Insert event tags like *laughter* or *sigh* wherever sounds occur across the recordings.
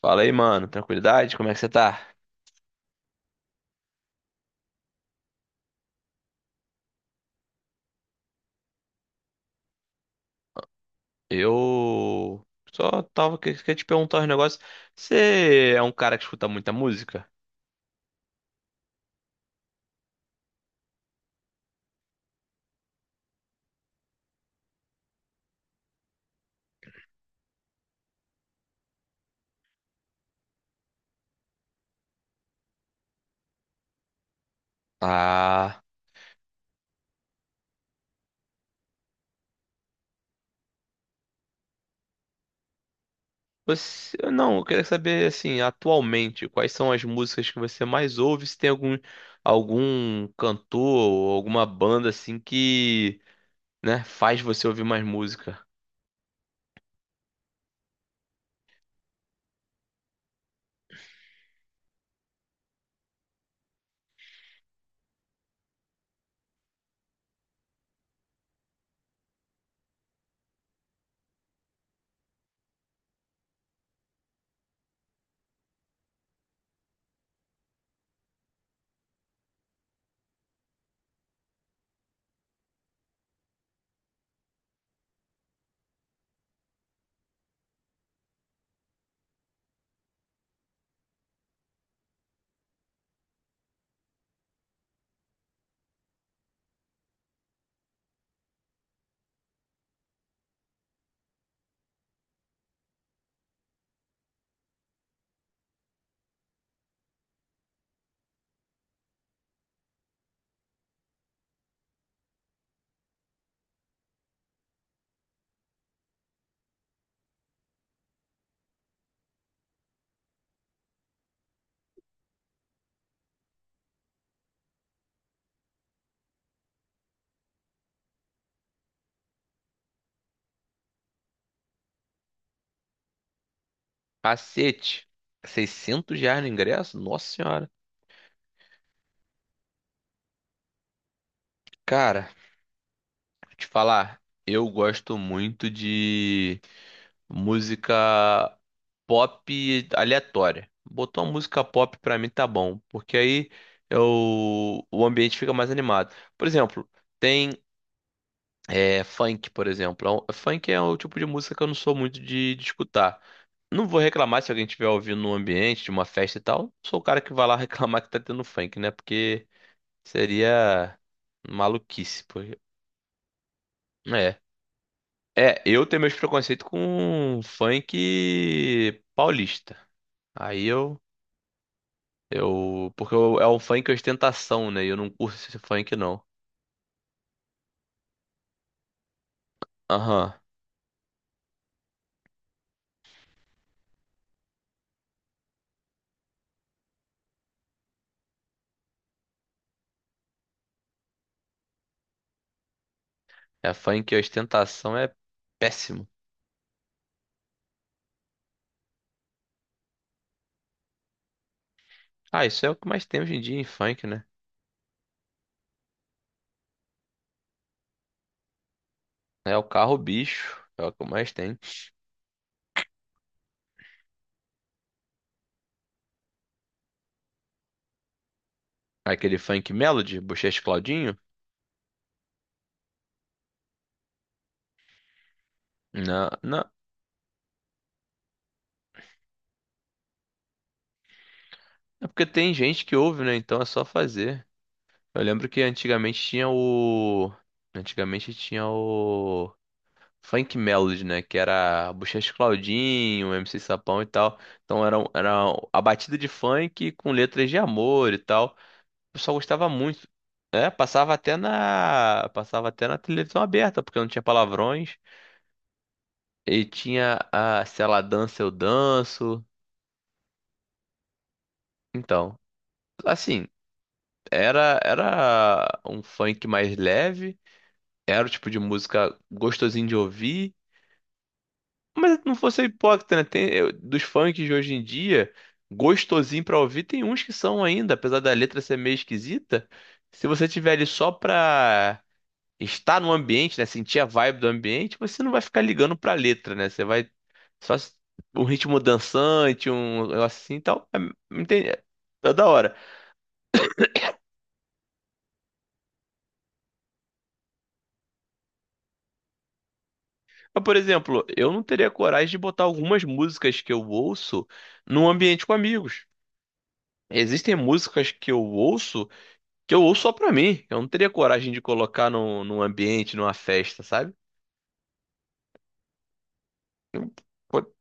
Fala aí, mano. Tranquilidade? Como é que você tá? Eu só tava querendo te perguntar um negócio. Você é um cara que escuta muita música? Ah. Não, eu queria saber, assim, atualmente, quais são as músicas que você mais ouve? Se tem algum cantor ou alguma banda, assim, que, né, faz você ouvir mais música? Cacete! 600 reais no ingresso? Nossa senhora! Cara, vou te falar, eu gosto muito de música pop aleatória. Botou uma música pop pra mim tá bom, porque aí o ambiente fica mais animado. Por exemplo, tem funk, por exemplo. Funk é o tipo de música que eu não sou muito de escutar. Não vou reclamar se alguém estiver ouvindo no ambiente de uma festa e tal. Sou o cara que vai lá *laughs* reclamar que tá tendo funk, né? Porque seria maluquice, pô. É. É, eu tenho meus preconceitos com funk paulista. Aí é um funk ostentação, né? E eu não curto esse funk, não. Aham. É, funk ostentação é péssimo. Ah, isso é o que mais tem hoje em dia em funk, né? É o carro bicho, é o que mais tem. Aquele funk melody, Buchecha e Claudinho? Não, não. É porque tem gente que ouve, né? Então é só fazer. Eu lembro que antigamente tinha o. Antigamente tinha o. funk melody, né? Que era Buchecha Claudinho, MC Sapão e tal. Então era a batida de funk com letras de amor e tal. O pessoal gostava muito. É, passava até na televisão aberta, porque não tinha palavrões. E tinha a Se Ela Dança, Eu Danço. Então, assim, era um funk mais leve. Era o tipo de música gostosinho de ouvir. Mas não vou ser hipócrita, né? Dos funks de hoje em dia, gostosinho pra ouvir, tem uns que são ainda, apesar da letra ser meio esquisita. Se você tiver ali só pra estar no ambiente, né? Sentir a vibe do ambiente, você não vai ficar ligando pra letra, né? Você vai só s- um ritmo dançante, um negócio assim e tal. É, entende? É da hora. Mas, por exemplo, eu não teria coragem de botar algumas músicas que eu ouço num ambiente com amigos. Existem músicas que eu ouço. Que eu ouço só pra mim. Eu não teria coragem de colocar num ambiente, numa festa, sabe? Eu- por,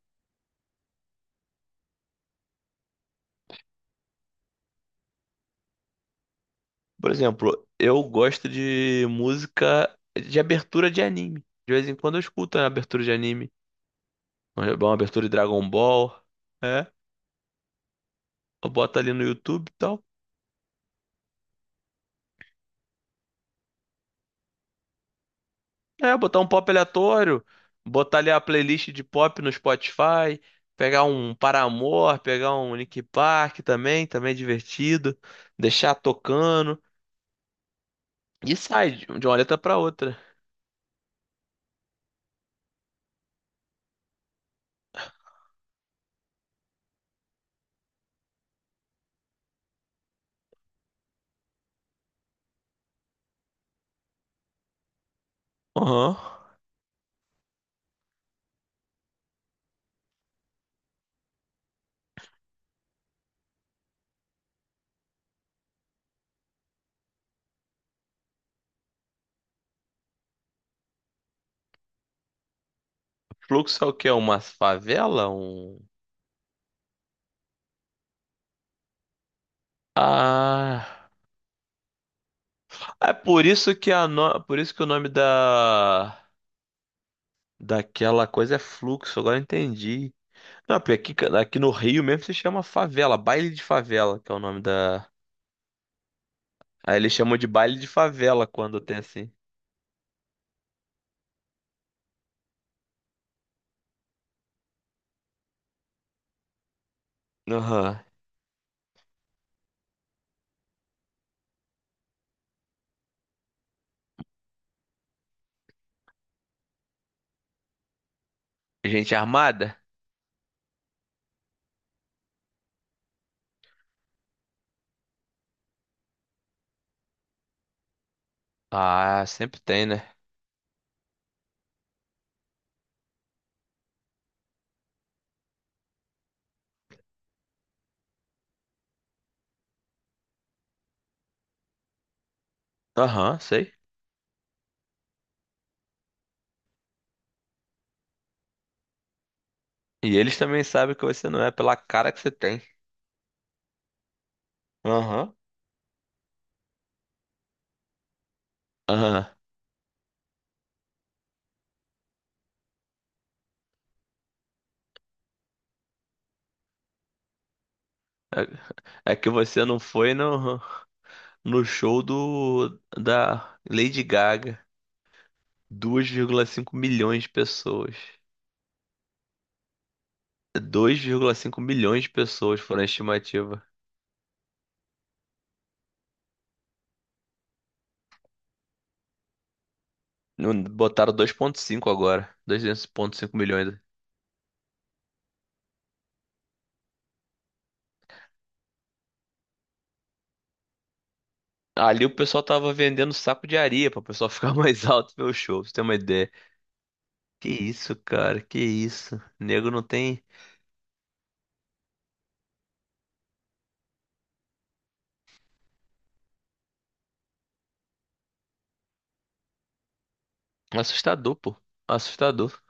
por exemplo, eu gosto de música de abertura de anime. De vez em quando eu escuto a abertura de anime. Uma abertura de Dragon Ball. É. Eu boto ali no YouTube e tal. É, botar um pop aleatório. Botar ali a playlist de pop no Spotify. Pegar um Paramore, pegar um Linkin Park também, também é divertido. Deixar tocando. E sai de uma letra pra outra. Aham. Fluxo é o quê? Uma favela? Um... Ah, é por isso que o nome da daquela coisa é fluxo, agora eu entendi. Não, porque aqui no Rio mesmo se chama favela, baile de favela, que é o nome da. Aí eles chamam de baile de favela quando tem assim. Aham. Gente armada? Ah, sempre tem, né? Aham, sei. E eles também sabem que você não é pela cara que você tem. Aham. Aham. É é que você não foi, não. No show do da Lady Gaga. 2,5 milhões de pessoas. 2,5 milhões de pessoas foram a estimativa. Botaram 2,5 agora. 2,5 milhões. Ali o pessoal tava vendendo saco de areia pra o pessoal ficar *laughs* mais alto e ver o show, pra você ter uma ideia. Que isso, cara, que isso. Nego não tem. Assustador, pô. Assustador.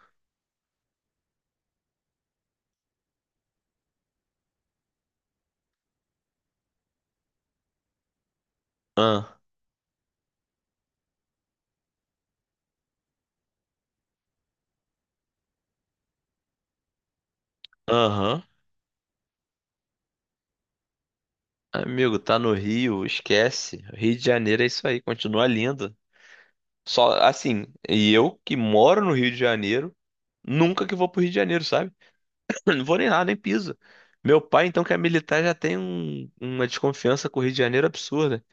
Ah, aham. Amigo, tá no Rio, esquece. Rio de Janeiro é isso aí, continua lindo. Só assim, e eu que moro no Rio de Janeiro, nunca que vou pro Rio de Janeiro, sabe? *clears throat* Não vou nem lá, nem piso. Meu pai, então, que é militar, já tem uma desconfiança com o Rio de Janeiro absurda.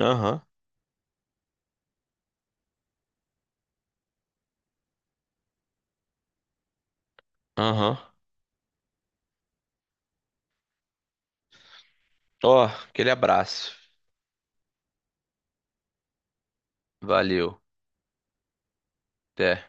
Aham, aham. Ó, aquele abraço. Valeu. Até.